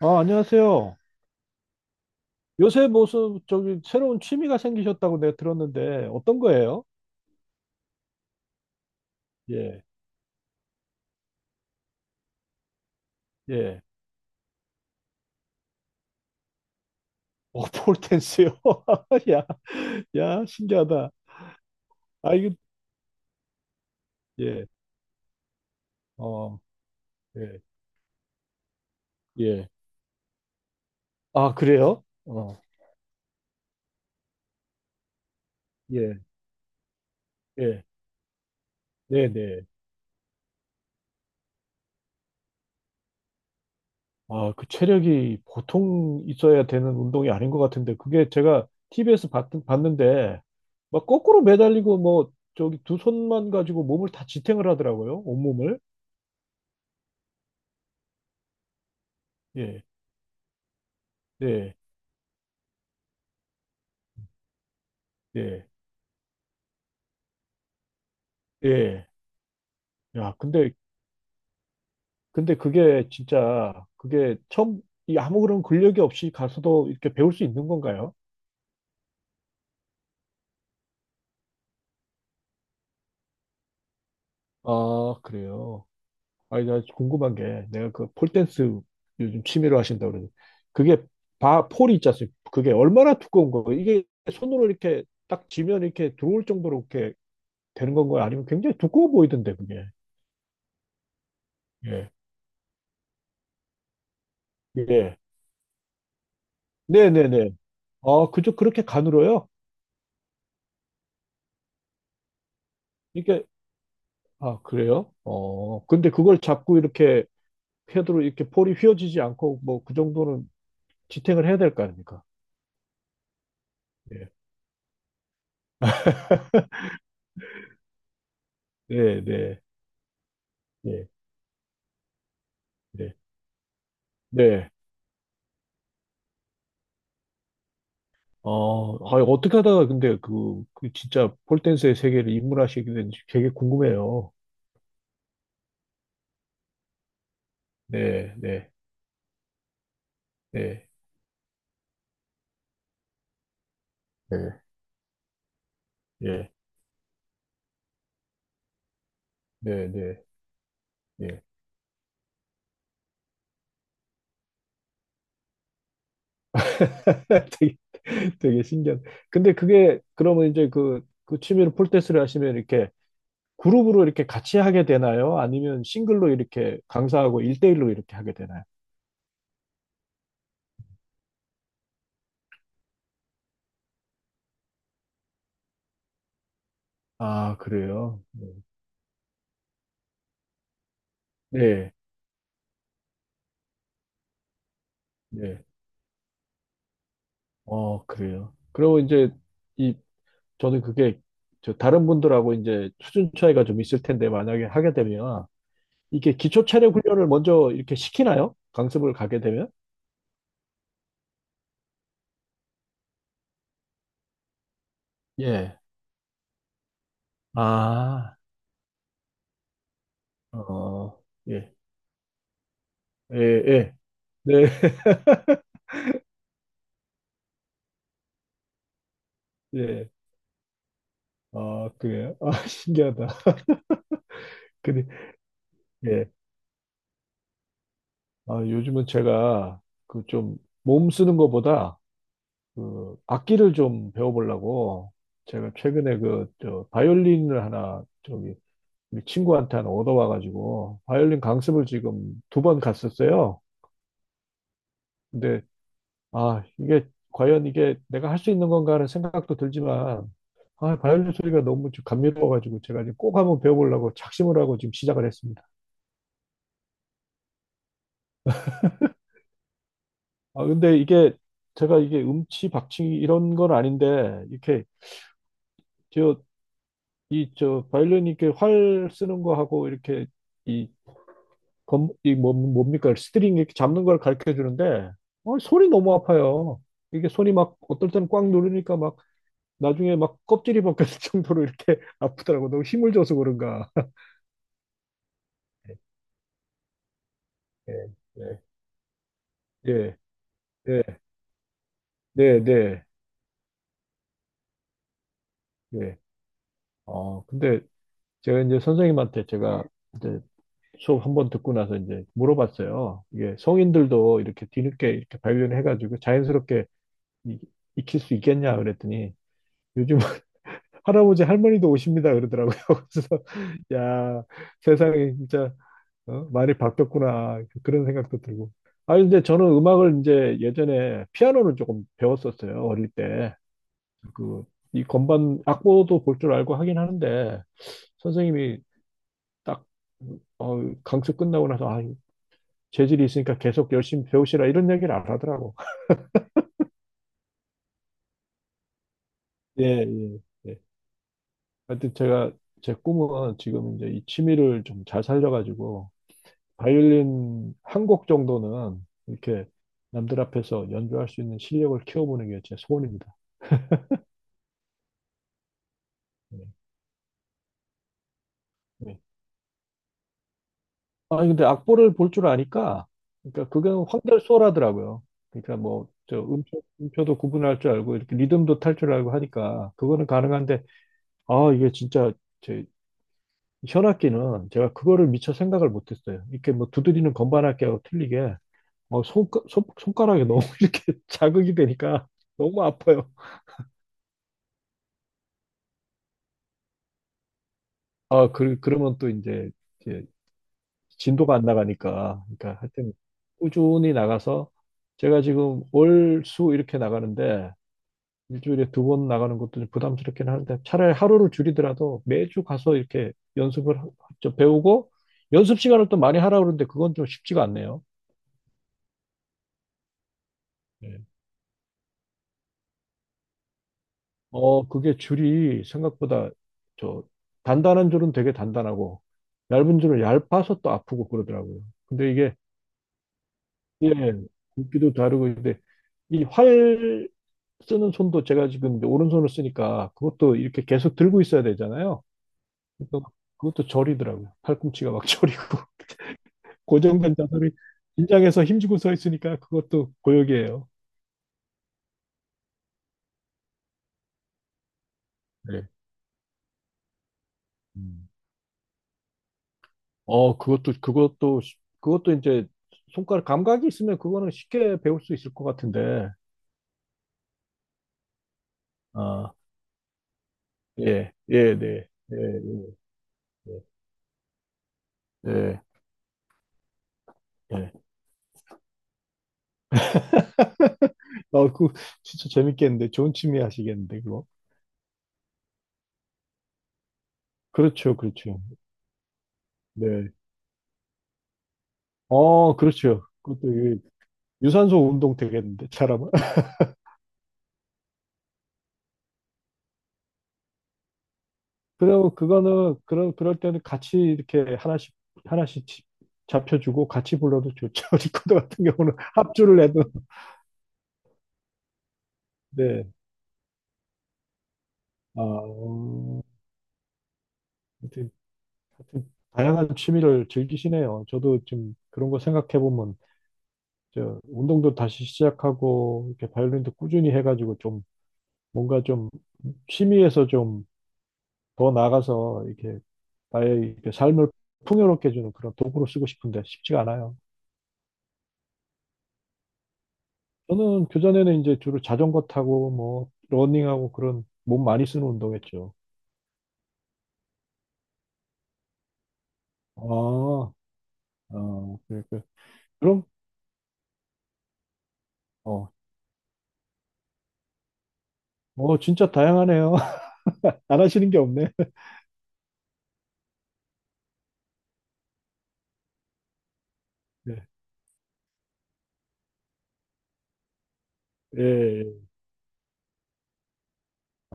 아, 안녕하세요. 요새 무슨 저기 새로운 취미가 생기셨다고 내가 들었는데 어떤 거예요? 예, 예. 어, 폴댄스요. 야, 야, 신기하다. 아, 이거 예, 어, 예, 예. 아, 그래요? 어, 예, 예, 네, 네. 아, 그 체력이 보통 있어야 되는 운동이 아닌 것 같은데 그게 제가 TV에서 봤는데 막 거꾸로 매달리고 뭐 저기 두 손만 가지고 몸을 다 지탱을 하더라고요. 온몸을. 예, 네. 네. 예. 야, 근데, 근데 그게 진짜, 그게 처음, 이 아무 그런 근력이 없이 가서도 이렇게 배울 수 있는 건가요? 아, 그래요. 아니, 나 궁금한 게, 내가 그 폴댄스 요즘 취미로 하신다고 그러는데, 그게 폴이 있지 않습니까? 그게 얼마나 두꺼운 거예요? 이게 손으로 이렇게 딱 쥐면 이렇게 들어올 정도로 이렇게 되는 건가요? 아니면 굉장히 두꺼워 보이던데, 그게. 예. 예. 네네네. 아, 그저 그렇게 가늘어요? 이게, 아, 그래요? 어, 근데 그걸 잡고 이렇게 패드로 이렇게 볼이 휘어지지 않고 뭐 그 정도는 지탱을 해야 될 거 아닙니까? 네, 네, 네, 네, 네. 네. 어, 아, 어떻게 하다가 근데 그 진짜 폴댄스의 세계를 입문하시게 된지 되게 궁금해요. 네, 네, 네, 네, 네 네, 네, 네. 되게, 되게 신기한. 근데 그게 그러면 이제 그 취미로 폴댄스를 하시면 이렇게 그룹으로 이렇게 같이 하게 되나요? 아니면 싱글로 이렇게 강사하고 일대일로 이렇게 하게 되나요? 아, 그래요? 네, 네. 어, 그래요. 그리고 이제 이 저는 그게 저 다른 분들하고 이제 수준 차이가 좀 있을 텐데 만약에 하게 되면 이게 기초 체력 훈련을 먼저 이렇게 시키나요? 강습을 가게 되면? 예. 아, 어, 예, 예, 예. 네, 예. 아, 그래요? 아, 신기하다. 근데, 예. 아, 요즘은 제가 그 좀 몸 쓰는 것보다 그 악기를 좀 배워보려고 제가 최근에 그 저 바이올린을 하나 저기 우리 친구한테 하나 얻어와가지고 바이올린 강습을 지금 두 번 갔었어요. 근데 아 이게 과연 이게 내가 할 수 있는 건가 하는 생각도 들지만 아 바이올린 소리가 너무 좀 감미로워가지고 제가 이제 꼭 한번 배워보려고 작심을 하고 지금 시작을 했습니다. 아 근데 이게 제가 이게 음치 박치 이런 건 아닌데 이렇게 저 이 저 바이올린 이렇게 활 쓰는 거 하고 이렇게 이 이 뭐, 뭡니까? 스트링 이렇게 잡는 걸 가르쳐 주는데, 어, 손이 너무 아파요. 이게 손이 막, 어떨 때는 꽉 누르니까 막, 나중에 막 껍질이 벗겨질 정도로 이렇게 아프더라고. 너무 힘을 줘서 그런가. 예, 예, 예, 예, 네, 네, 예. 어, 근데 제가 이제 선생님한테 제가 이제 수업 한번 듣고 나서 이제 물어봤어요. 이게 성인들도 이렇게 뒤늦게 이렇게 발견해가지고 자연스럽게 이- 익힐 수 있겠냐 그랬더니 요즘 할아버지 할머니도 오십니다 그러더라고요. 그래서 야 세상이 진짜 어? 많이 바뀌었구나 그런 생각도 들고. 아 근데 저는 음악을 이제 예전에 피아노를 조금 배웠었어요 어릴 때. 그 이 건반 악보도 볼 줄 알고 하긴 하는데 선생님이 딱 어, 강습 끝나고 나서 아 재질이 있으니까 계속 열심히 배우시라 이런 얘기를 안 하더라고. 예, 예, 예. 하여튼 제가 제 꿈은 지금 이제 이 취미를 좀 잘 살려가지고 바이올린 한 곡 정도는 이렇게 남들 앞에서 연주할 수 있는 실력을 키워보는 게 제 소원입니다. 네. 네. 아니, 근데 악보를 볼 줄 아니까, 그러니까 그게 황달수월하더라고요. 그러니까 뭐, 저 음표도 구분할 줄 알고, 이렇게 리듬도 탈 줄 알고 하니까, 그거는 가능한데, 아, 이게 진짜 제 현악기는 제가 그거를 미처 생각을 못했어요. 이렇게 뭐 두드리는 건반악기하고 틀리게, 어, 손가락에 너무 이렇게 자극이 되니까 너무 아파요. 아, 그러면 또 이제 진도가 안 나가니까, 그러니까 하여튼 꾸준히 나가서 제가 지금 월, 수 이렇게 나가는데 일주일에 두 번 나가는 것도 좀 부담스럽긴 하는데 차라리 하루를 줄이더라도 매주 가서 이렇게 연습을 하- 배우고 연습 시간을 또 많이 하라 그러는데 그건 좀 쉽지가 않네요. 네. 어, 그게 줄이 생각보다 저 단단한 줄은 되게 단단하고 얇은 줄은 얇아서 또 아프고 그러더라고요. 근데 이게 예, 굵기도 다르고, 근데 이 활 쓰는 손도 제가 지금 이제 오른손을 쓰니까 그것도 이렇게 계속 들고 있어야 되잖아요. 그러니까 그것도 저리더라고요. 팔꿈치가 막 저리고. 고정된 자세로 긴장해서 힘주고 서 있으니까 그것도 고역이에요. 네. 음. 어, 그것도 이제 손가락 감각이 있으면 그거는 쉽게 배울 수 있을 것 같은데. 아, 예, 예, 네. 예, 예, 예. 예. 아, 그 진짜 재밌겠는데 좋은 취미 하시겠는데 그거. 그렇죠, 그렇죠. 네. 어, 그렇죠. 그것도 이 유산소 운동 되겠는데, 사람은. 그리고 그거는, 그런, 그럴 때는 같이 이렇게 하나씩, 하나씩 지- 잡혀주고 같이 불러도 좋죠. 리코더 같은 경우는 합주를 해도. 네. 아, 어, 하여튼, 하여튼, 다양한 취미를 즐기시네요. 저도 좀 그런 거 생각해보면, 저, 운동도 다시 시작하고, 이렇게 바이올린도 꾸준히 해가지고 좀, 뭔가 좀, 취미에서 좀 더 나가서 이렇게 나의 이렇게 삶을 풍요롭게 해주는 그런 도구로 쓰고 싶은데 쉽지가 않아요. 저는 교전에는 이제 주로 자전거 타고 뭐 러닝하고 그런 몸 많이 쓰는 운동했죠. 아, 아 그래, 그래. 그럼, 어, 진짜 다양하네요. 안 하시는 게 없네. 네. 예, 예.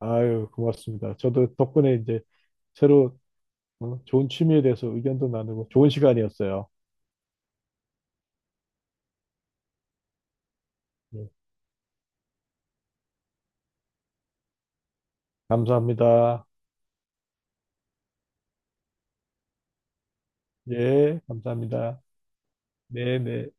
아유, 고맙습니다. 저도 덕분에 이제 새로 좋은 취미에 대해서 의견도 나누고 좋은 시간이었어요. 예, 감사합니다. 예, 감사합니다. 네, 네.